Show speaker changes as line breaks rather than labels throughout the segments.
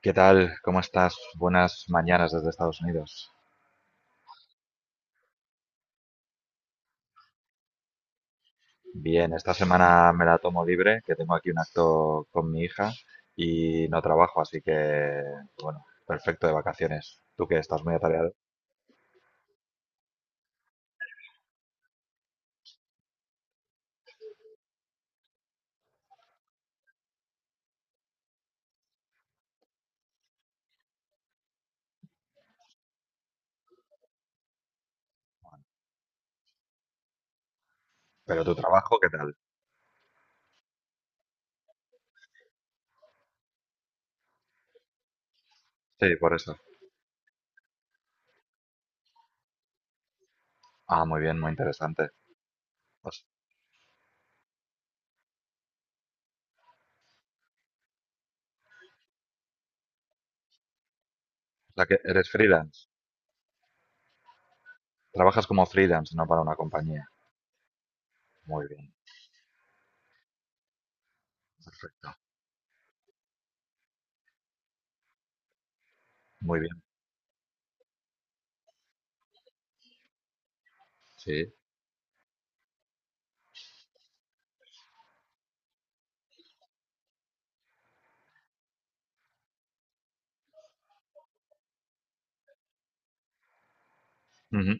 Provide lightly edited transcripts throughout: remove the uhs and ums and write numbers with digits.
¿Qué tal? ¿Cómo estás? Buenas mañanas desde Estados Unidos. Bien, esta semana me la tomo libre, que tengo aquí un acto con mi hija y no trabajo, así que, bueno, perfecto de vacaciones. Tú que estás muy atareado. Pero tu trabajo, ¿qué tal? Sí, por eso. Ah, muy bien, muy interesante. O s- o sea que eres freelance. Trabajas como freelance, no para una compañía. Muy bien, perfecto. Muy bien, sí. Ujú.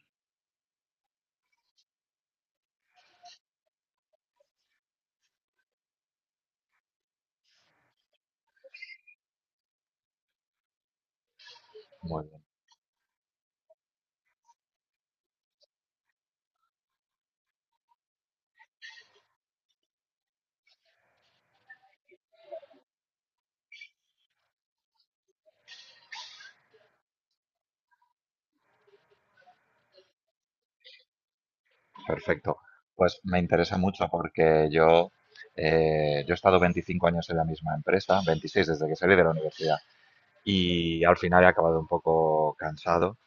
Muy bien. Perfecto. Pues me interesa mucho porque yo, yo he estado 25 años en la misma empresa, 26 desde que salí de la universidad, y al final he acabado un poco cansado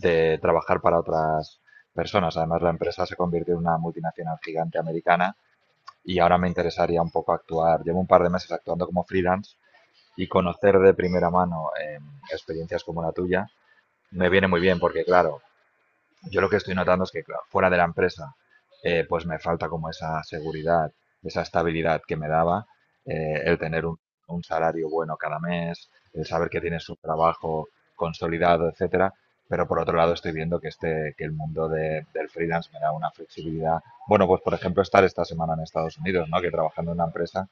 de trabajar para otras personas. Además, la empresa se convirtió en una multinacional gigante americana y ahora me interesaría un poco actuar. Llevo un par de meses actuando como freelance y conocer de primera mano experiencias como la tuya me viene muy bien porque, claro, yo lo que estoy notando es que claro, fuera de la empresa, pues me falta como esa seguridad, esa estabilidad que me daba el tener un salario bueno cada mes, el saber que tienes un trabajo consolidado, etcétera. Pero por otro lado estoy viendo que este, que el mundo del freelance me da una flexibilidad. Bueno, pues por ejemplo estar esta semana en Estados Unidos, ¿no? Que trabajando en una empresa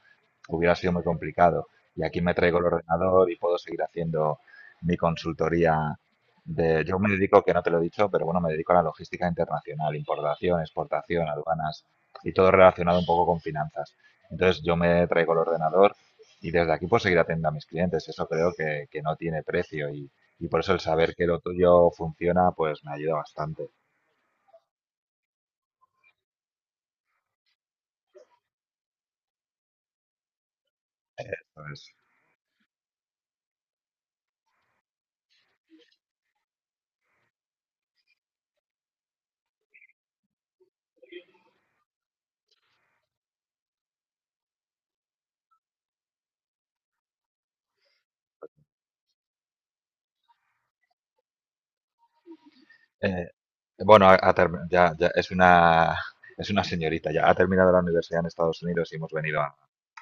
hubiera sido muy complicado. Y aquí me traigo el ordenador y puedo seguir haciendo mi consultoría yo me dedico, que no te lo he dicho, pero bueno, me dedico a la logística internacional, importación, exportación, aduanas y todo relacionado un poco con finanzas. Entonces yo me traigo el ordenador y desde aquí puedo seguir atendiendo a mis clientes. Eso creo que no tiene precio y por eso el saber que lo tuyo funciona, pues me ayuda bastante. Entonces, eh, bueno, ya es una, es una señorita, ya ha terminado la universidad en Estados Unidos y hemos venido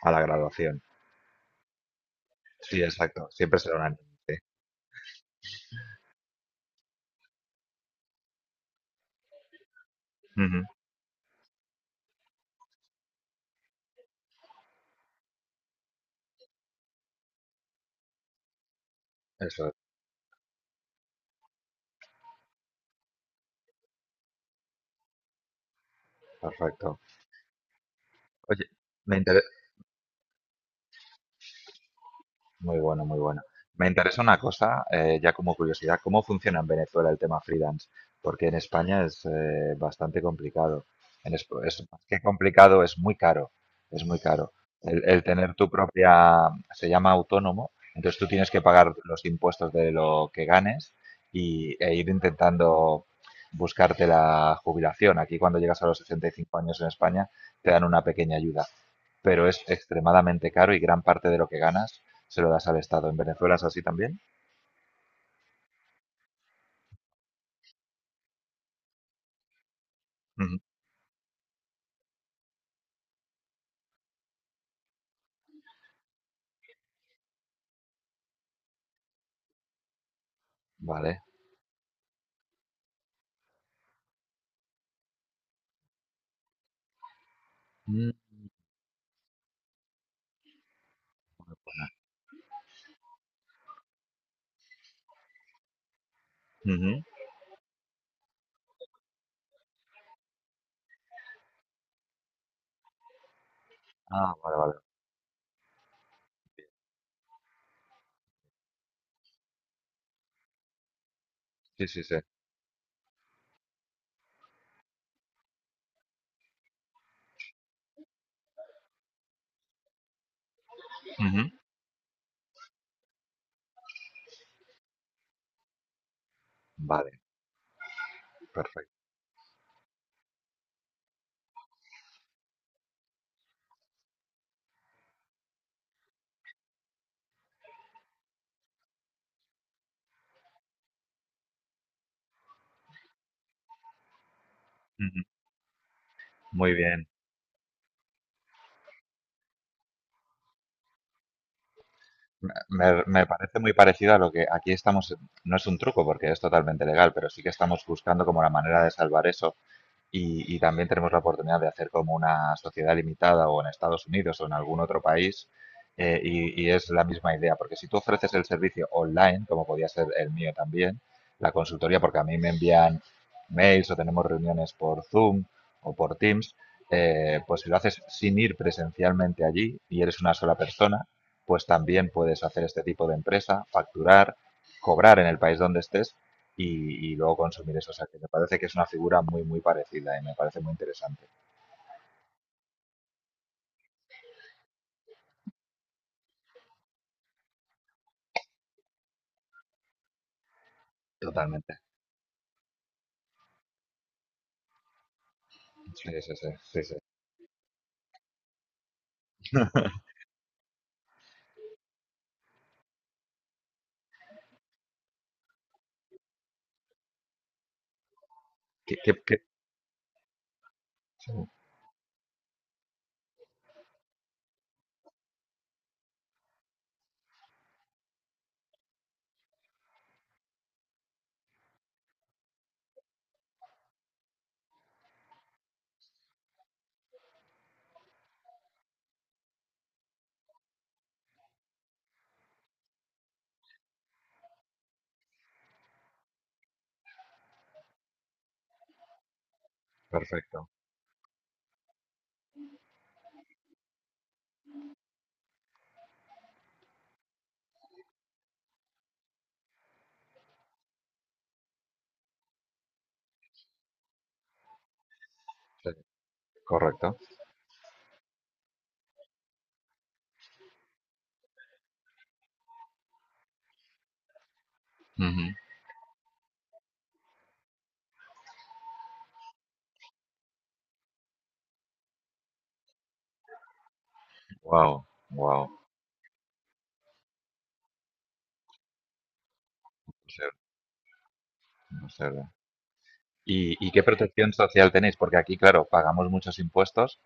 a la graduación. Sí, exacto, siempre será una niña, sí. Ujú. Eso es. Perfecto. Oye, me inter- muy bueno, muy bueno. Me interesa una cosa, ya como curiosidad, ¿cómo funciona en Venezuela el tema freelance? Porque en España es bastante complicado. En es más que complicado, es muy caro. Es muy caro. El tener tu propia, se llama autónomo, entonces tú tienes que pagar los impuestos de lo que ganes y, e ir intentando buscarte la jubilación. Aquí cuando llegas a los 65 años en España te dan una pequeña ayuda. Pero es extremadamente caro y gran parte de lo que ganas se lo das al Estado. ¿En Venezuela es así también? Ujú. Vale. Mm, ujú. Ah, vale, vale. Sí, sí, sí. Ujú. Vale, perfecto. Ujú. Muy bien. Me parece muy parecido a lo que aquí estamos, no es un truco porque es totalmente legal, pero sí que estamos buscando como la manera de salvar eso. Y también tenemos la oportunidad de hacer como una sociedad limitada o en Estados Unidos o en algún otro país. Y es la misma idea, porque si tú ofreces el servicio online, como podía ser el mío también, la consultoría, porque a mí me envían mails o tenemos reuniones por Zoom o por Teams, pues si lo haces sin ir presencialmente allí y eres una sola persona, pues también puedes hacer este tipo de empresa, facturar, cobrar en el país donde estés y luego consumir eso. O sea, que me parece que es una figura muy, muy parecida y me parece muy interesante. Totalmente. Sí, sí, sí. Sí, sí. ¿Qué- qué- qué? Sí, perfecto. Sí, correcto. Wow, wow. No, no. ¿Y, y qué protección social tenéis? Porque aquí, claro, pagamos muchos impuestos,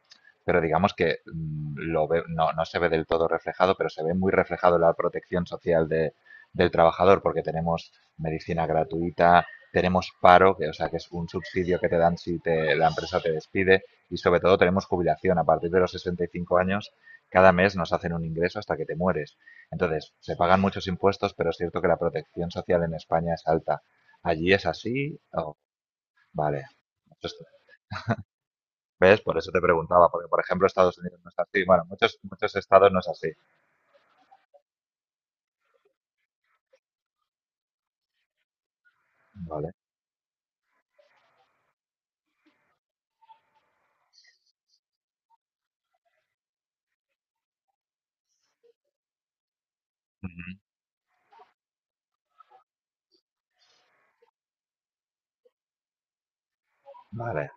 pero digamos que no, no se ve del todo reflejado, pero se ve muy reflejado la protección social del trabajador, porque tenemos medicina gratuita, tenemos paro, que, o sea, que es un subsidio que te dan si la empresa te despide, y sobre todo tenemos jubilación. A partir de los 65 años, cada mes nos hacen un ingreso hasta que te mueres. Entonces, se pagan muchos impuestos, pero es cierto que la protección social en España es alta. ¿Allí es así? Vale. Muchos- ¿Ves? Por eso te preguntaba, porque por ejemplo Estados Unidos no es así. Bueno, muchos, muchos estados no es así. Vale. Ujú. Vale.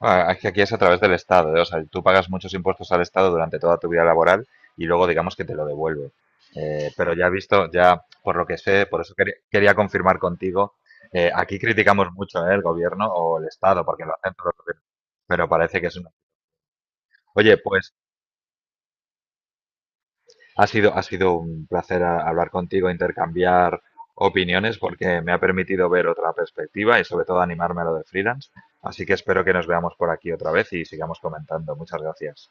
Ah, es que aquí es a través del estado, ¿eh? O sea, tú pagas muchos impuestos al estado durante toda tu vida laboral y luego digamos que te lo devuelve. Pero ya he visto, ya por lo que sé, por eso quería, quería confirmar contigo, aquí criticamos mucho, ¿eh? El gobierno o el estado, porque lo hacen todos los gobiernos, pero parece que es una... Oye, pues... ha sido un placer hablar contigo, intercambiar opiniones, porque me ha permitido ver otra perspectiva y sobre todo animarme a lo de freelance. Así que espero que nos veamos por aquí otra vez y sigamos comentando. Muchas gracias.